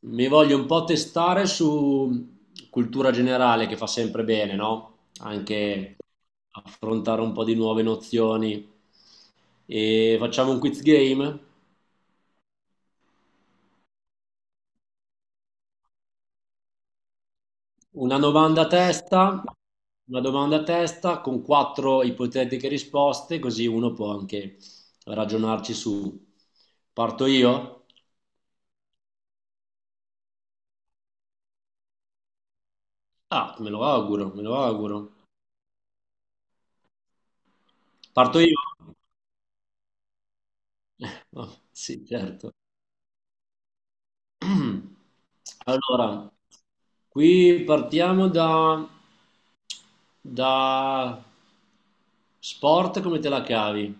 Mi voglio un po' testare su cultura generale che fa sempre bene, no? Anche affrontare un po' di nuove nozioni. E facciamo un quiz game, una domanda a testa, una domanda a testa con quattro ipotetiche risposte, così uno può anche ragionarci su. Parto io? Ah, me lo auguro, me lo auguro. Parto io? Sì, certo. Allora, qui partiamo da sport, come te la cavi?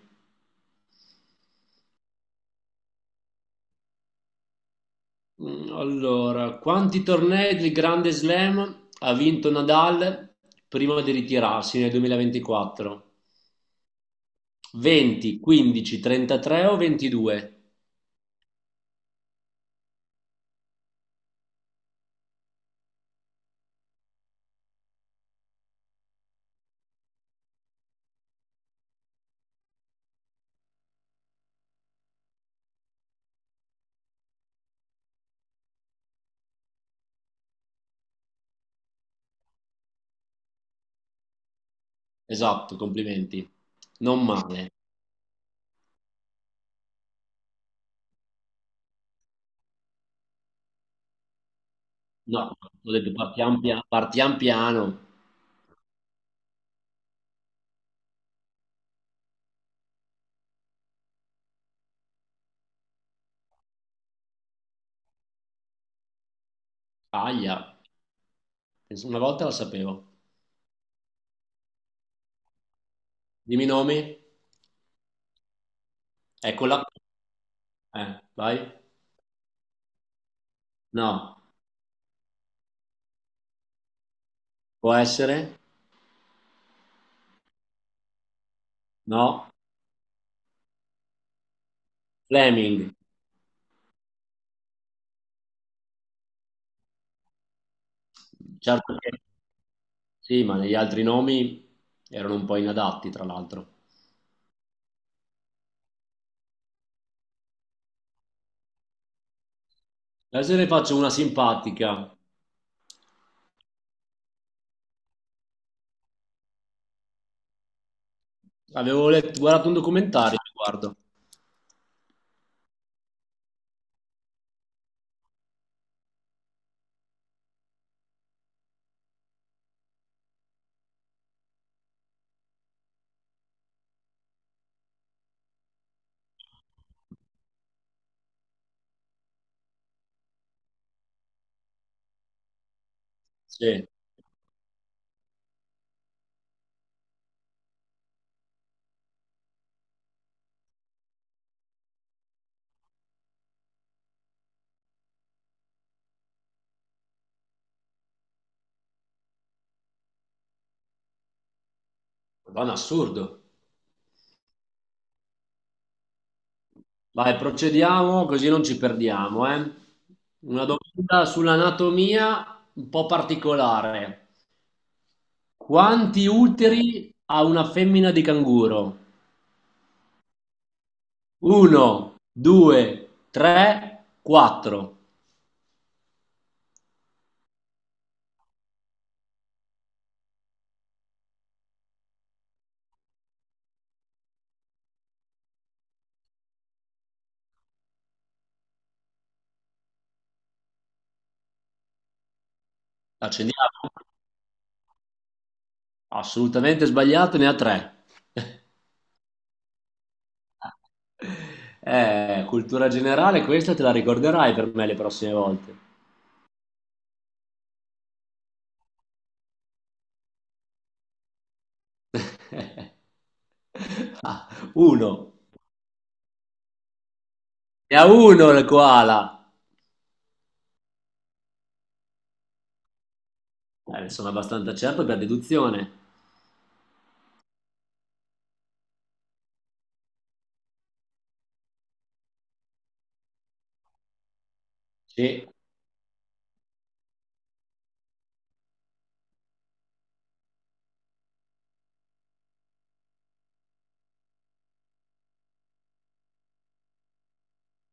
Mm, allora, quanti tornei del Grande Slam ha vinto Nadal prima di ritirarsi nel 2024? 20, 15, 33 o 22? Esatto, complimenti. Non male. No, ho detto partiamo, partiamo piano. Aglia, una volta la sapevo. Dimmi i nomi. Eccola. Vai? No. Può essere? No. Fleming. Certo che sì, ma negli altri nomi erano un po' inadatti, tra l'altro. Adesso ne faccio una simpatica. Avevo letto, guardato un documentario a riguardo. Sì, ma un assurdo. Vai, procediamo così non ci perdiamo, eh. Una domanda sull'anatomia un po' particolare. Quanti uteri ha una femmina di canguro? Uno, due, tre, quattro. Accendiamo? Assolutamente sbagliato, ne ha tre. Cultura generale, questa te la ricorderai per me le prossime volte. Ah, uno. Ne ha uno il koala. Ne sono abbastanza certo per deduzione. Sì,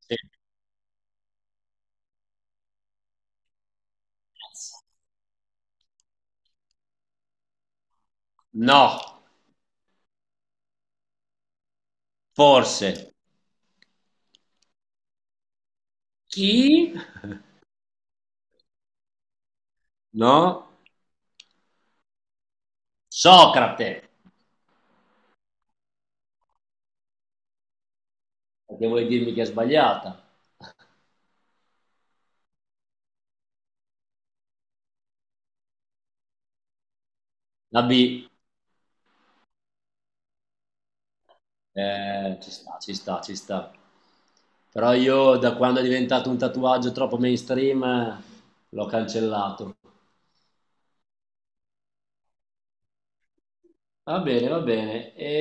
sì. No, forse. Chi? No, Socrate. Perché vuoi dirmi che è sbagliata? La B, ci sta, ci sta, ci sta. Però io da quando è diventato un tatuaggio troppo mainstream l'ho cancellato. Va bene, va bene. E...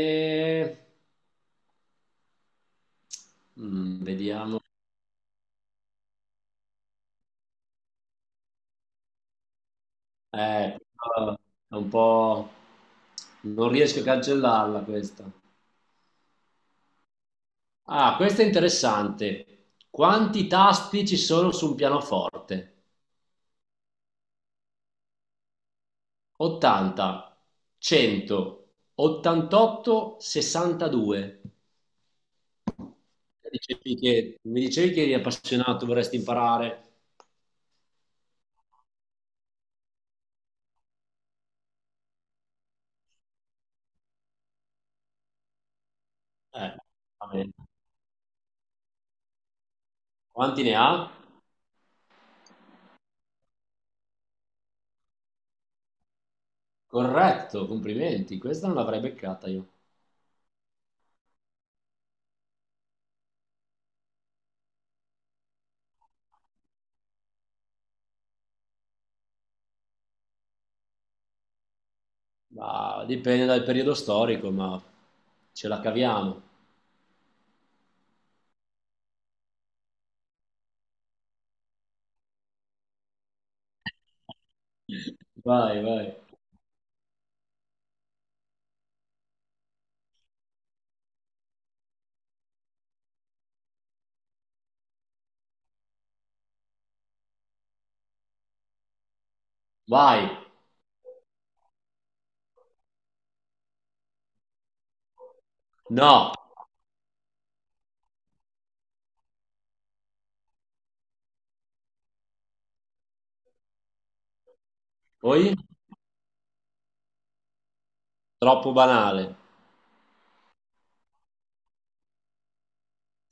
mm, vediamo. Questa è un po'... Non riesco a cancellarla questa. Ah, questa è interessante. Quanti tasti ci sono su un pianoforte? 80, 100, 88, 62. Dicevi mi dicevi che eri appassionato, vorresti imparare. Eh, va bene. Quanti ne ha? Corretto, complimenti. Questa non l'avrei beccata io. Ma dipende dal periodo storico, ma ce la caviamo. Vai, vai. Vai. No. Poi, troppo banale.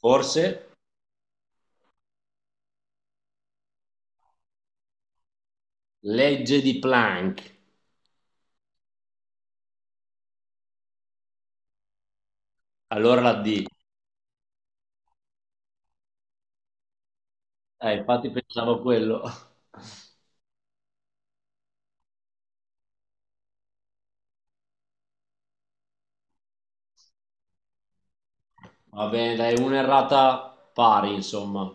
Forse legge di Planck. Allora la D. Infatti pensavo a quello. Va bene, dai, un'errata pari, insomma.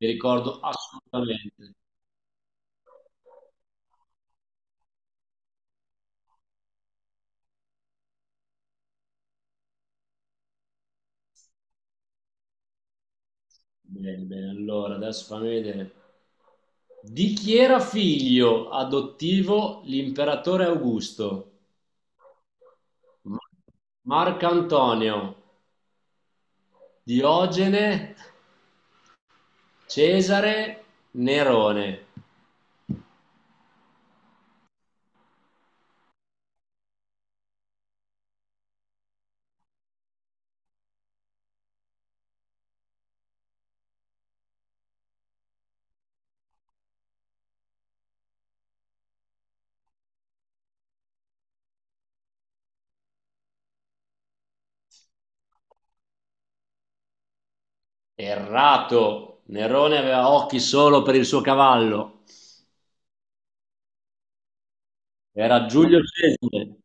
Mi ricordo assolutamente. Bene, bene. Allora, adesso fammi vedere. Di chi era figlio adottivo l'imperatore Augusto? Ma- Marco Antonio, Diogene, Cesare, Nerone. Errato. Nerone aveva occhi solo per il suo cavallo. Era Giulio Cesare,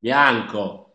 bianco.